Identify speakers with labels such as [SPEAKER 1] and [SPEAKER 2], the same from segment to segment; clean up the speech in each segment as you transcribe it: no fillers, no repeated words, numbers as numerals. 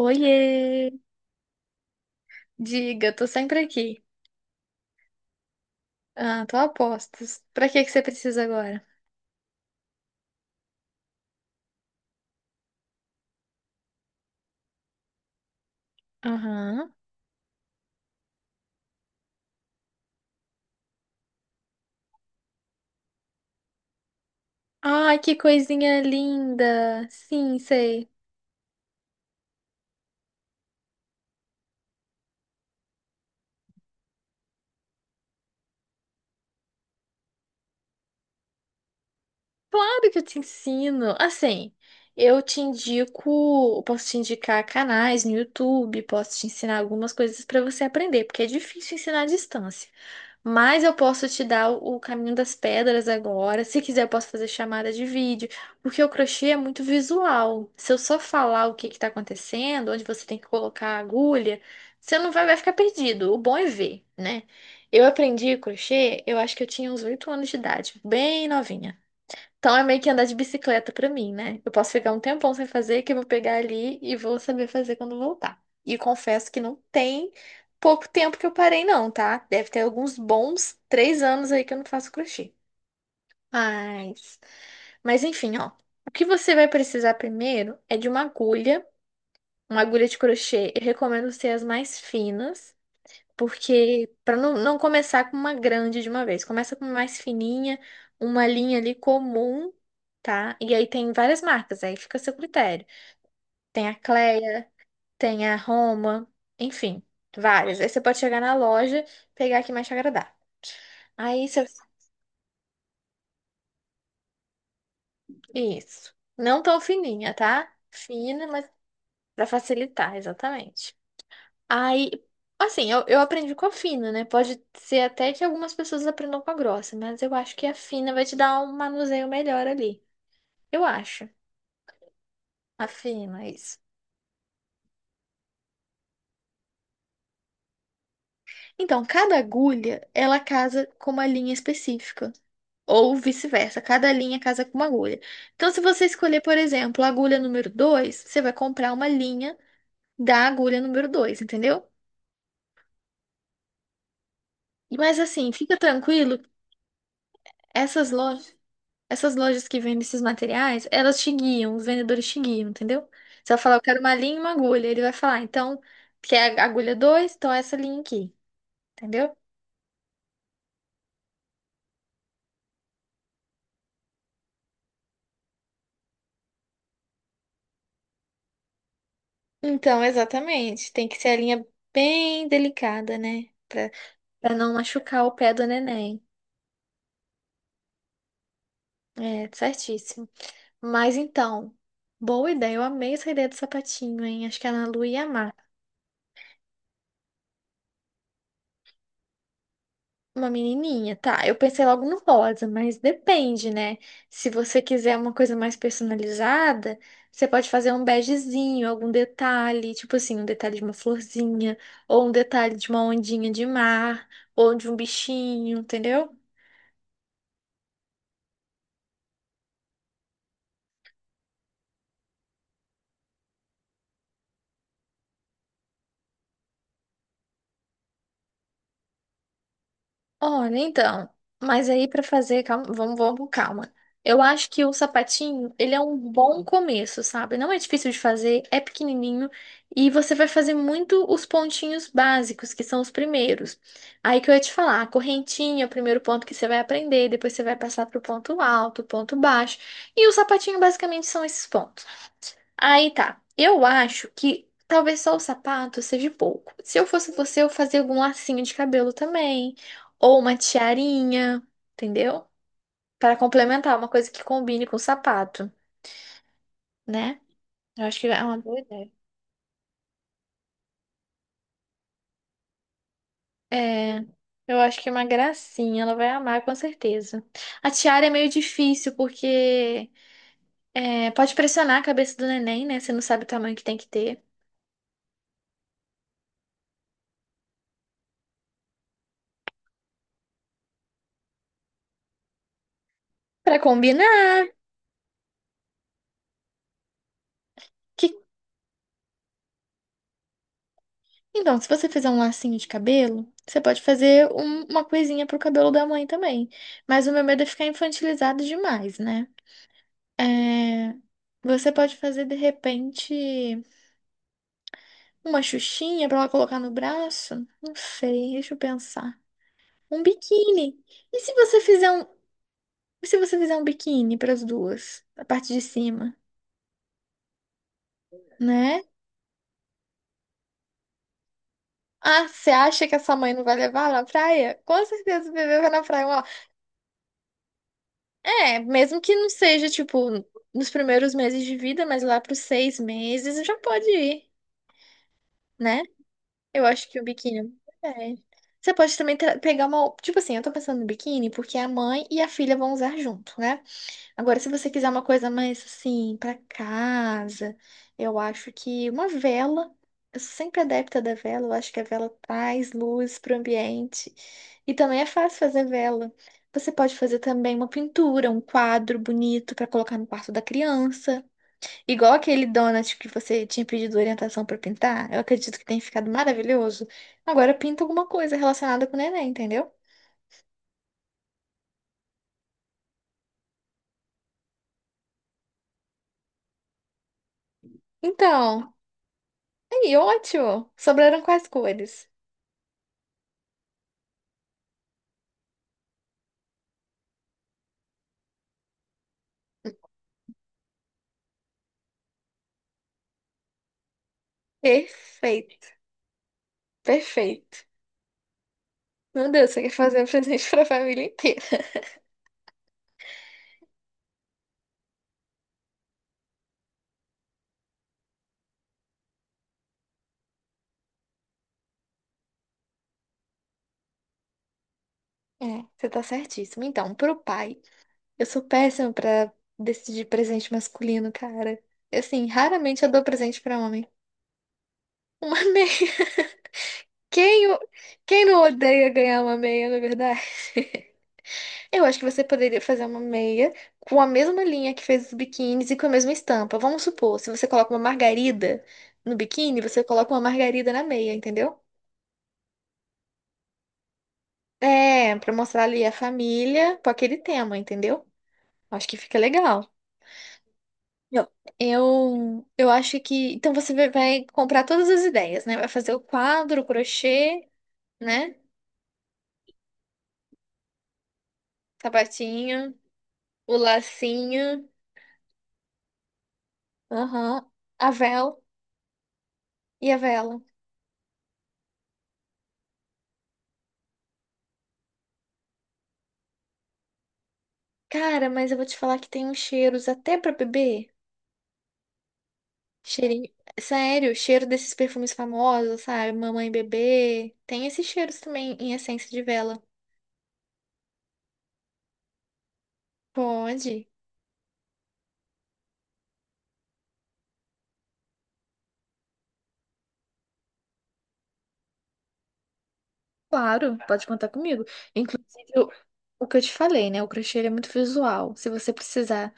[SPEAKER 1] Oiê! Diga, tô sempre aqui. Ah, tô a postos. Pra que que você precisa agora? Aham. Ai, que coisinha linda! Sim, sei. Claro que eu te ensino. Assim, eu te indico, posso te indicar canais no YouTube, posso te ensinar algumas coisas para você aprender, porque é difícil ensinar à distância. Mas eu posso te dar o caminho das pedras agora. Se quiser, eu posso fazer chamada de vídeo, porque o crochê é muito visual. Se eu só falar o que está acontecendo, onde você tem que colocar a agulha, você não vai, vai ficar perdido. O bom é ver, né? Eu aprendi crochê, eu acho que eu tinha uns 8 anos de idade, bem novinha. Então é meio que andar de bicicleta pra mim, né? Eu posso ficar um tempão sem fazer, que eu vou pegar ali e vou saber fazer quando voltar. E confesso que não tem pouco tempo que eu parei, não, tá? Deve ter alguns bons 3 anos aí que eu não faço crochê. Mas, mas enfim, ó. O que você vai precisar primeiro é de uma agulha de crochê. Eu recomendo ser as mais finas. Porque para não começar com uma grande de uma vez, começa com uma mais fininha, uma linha ali comum, tá? E aí tem várias marcas, aí fica a seu critério. Tem a Cleia, tem a Roma, enfim, várias. Aí você pode chegar na loja, pegar a que mais te agradar. Aí você. Isso. Não tão fininha, tá? Fina, mas para facilitar, exatamente. Aí, assim, eu aprendi com a fina, né? Pode ser até que algumas pessoas aprendam com a grossa, mas eu acho que a fina vai te dar um manuseio melhor ali. Eu acho. A fina, isso. Então, cada agulha, ela casa com uma linha específica. Ou vice-versa, cada linha casa com uma agulha. Então, se você escolher, por exemplo, a agulha número 2, você vai comprar uma linha da agulha número 2, entendeu? Mas assim, fica tranquilo, essas lojas. Essas lojas que vendem esses materiais, elas te guiam, os vendedores te guiam, entendeu? Você vai falar, eu quero uma linha e uma agulha. Ele vai falar, então, quer a agulha dois? Então, essa linha aqui, entendeu? Então, exatamente. Tem que ser a linha bem delicada, né? Pra não machucar o pé do neném. É, certíssimo. Mas então, boa ideia. Eu amei essa ideia do sapatinho, hein? Acho que a Ana Lu ia amar. Uma menininha, tá. Eu pensei logo no rosa, mas depende, né? Se você quiser uma coisa mais personalizada, você pode fazer um begezinho, algum detalhe, tipo assim, um detalhe de uma florzinha, ou um detalhe de uma ondinha de mar, ou de um bichinho, entendeu? Olha, então, mas aí para fazer, calma, vamos com calma. Eu acho que o sapatinho, ele é um bom começo, sabe? Não é difícil de fazer, é pequenininho e você vai fazer muito os pontinhos básicos, que são os primeiros. Aí que eu ia te falar, a correntinha é o primeiro ponto que você vai aprender, depois você vai passar pro ponto alto, ponto baixo, e o sapatinho basicamente são esses pontos. Aí tá. Eu acho que talvez só o sapato seja pouco. Se eu fosse você, eu fazia algum lacinho de cabelo também. Ou uma tiarinha, entendeu? Para complementar, uma coisa que combine com o sapato, né? Eu acho que é uma boa ideia. É, eu acho que é uma gracinha, ela vai amar com certeza. A tiara é meio difícil porque pode pressionar a cabeça do neném, né? Você não sabe o tamanho que tem que ter. Pra combinar. O que? Então, se você fizer um lacinho de cabelo, você pode fazer uma coisinha pro cabelo da mãe também. Mas o meu medo é ficar infantilizado demais, né? É. Você pode fazer, de repente, uma xuxinha pra ela colocar no braço? Não sei, deixa eu pensar. Um biquíni. E se você fizer um, e se você fizer um biquíni para as duas, a parte de cima, né? Ah, você acha que essa mãe não vai levar na praia? Com certeza o bebê vai na praia. É, mesmo que não seja, tipo, nos primeiros meses de vida, mas lá para os 6 meses já pode ir, né? Eu acho que o biquíni. É. Você pode também pegar uma. Tipo assim, eu tô pensando no biquíni porque a mãe e a filha vão usar junto, né? Agora, se você quiser uma coisa mais assim, pra casa, eu acho que uma vela, eu sou sempre adepta da vela, eu acho que a vela traz luz pro ambiente. E também é fácil fazer vela. Você pode fazer também uma pintura, um quadro bonito pra colocar no quarto da criança. Igual aquele donut que você tinha pedido orientação pra pintar, eu acredito que tenha ficado maravilhoso. Agora pinta alguma coisa relacionada com o neném, entendeu? Então, aí, ótimo! Sobraram quais cores? Perfeito, perfeito. Meu Deus, você quer fazer um presente para a família inteira. É, você tá certíssimo. Então, pro pai, eu sou péssima pra decidir presente masculino, cara. Assim, raramente eu dou presente pra homem. Uma meia. Quem, o- quem não odeia ganhar uma meia, na verdade? Eu acho que você poderia fazer uma meia com a mesma linha que fez os biquínis e com a mesma estampa. Vamos supor, se você coloca uma margarida no biquíni, você coloca uma margarida na meia, entendeu? É, pra mostrar ali a família com aquele tema, entendeu? Acho que fica legal. Eu, eu acho que. Então você vai comprar todas as ideias, né? Vai fazer o quadro, o crochê, né? Sapatinho, o lacinho, aham, a vela e a vela. Cara, mas eu vou te falar que tem uns cheiros até pra bebê. Cheirinho. Sério, cheiro desses perfumes famosos, sabe? Mamãe e bebê. Tem esses cheiros também em essência de vela. Pode. Claro, pode contar comigo. Inclusive, o que eu te falei, né? O crochê ele é muito visual. Se você precisar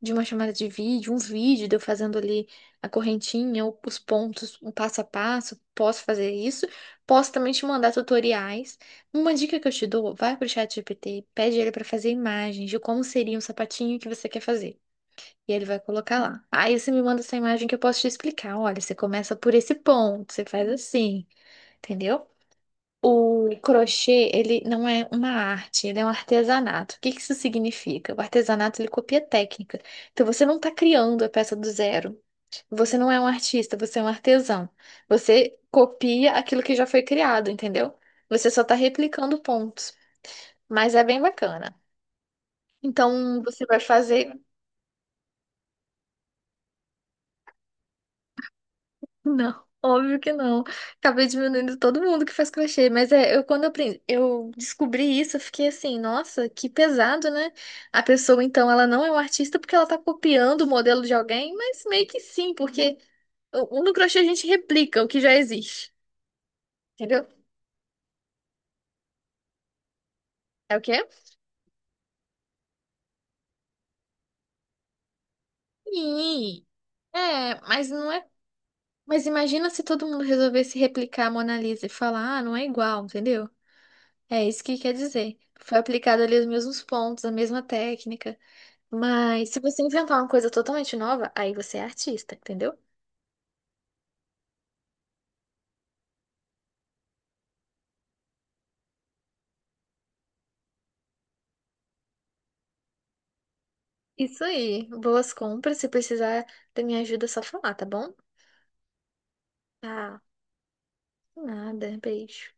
[SPEAKER 1] de uma chamada de vídeo, uns vídeos de eu fazendo ali a correntinha, os pontos, um passo a passo, posso fazer isso. Posso também te mandar tutoriais. Uma dica que eu te dou, vai pro ChatGPT, pede ele para fazer imagens de como seria um sapatinho que você quer fazer. E ele vai colocar lá. Aí você me manda essa imagem que eu posso te explicar. Olha, você começa por esse ponto, você faz assim, entendeu? O crochê, ele não é uma arte, ele é um artesanato. O que que isso significa? O artesanato, ele copia técnica. Então, você não está criando a peça do zero. Você não é um artista, você é um artesão. Você copia aquilo que já foi criado, entendeu? Você só está replicando pontos. Mas é bem bacana. Então, você vai fazer. Não, óbvio que não. Acabei diminuindo todo mundo que faz crochê, mas é, eu descobri isso, eu fiquei assim, nossa, que pesado, né? A pessoa, então, ela não é um artista porque ela tá copiando o modelo de alguém, mas meio que sim, porque o no crochê a gente replica o que já existe, entendeu? É o quê é? Sim. É, mas não é. Mas imagina se todo mundo resolvesse replicar a Mona Lisa e falar, ah, não é igual, entendeu? É isso que quer dizer. Foi aplicado ali os mesmos pontos, a mesma técnica. Mas se você inventar uma coisa totalmente nova, aí você é artista, entendeu? Isso aí. Boas compras. Se precisar da minha ajuda, é só falar, tá bom? Tá. Nada. Beijo.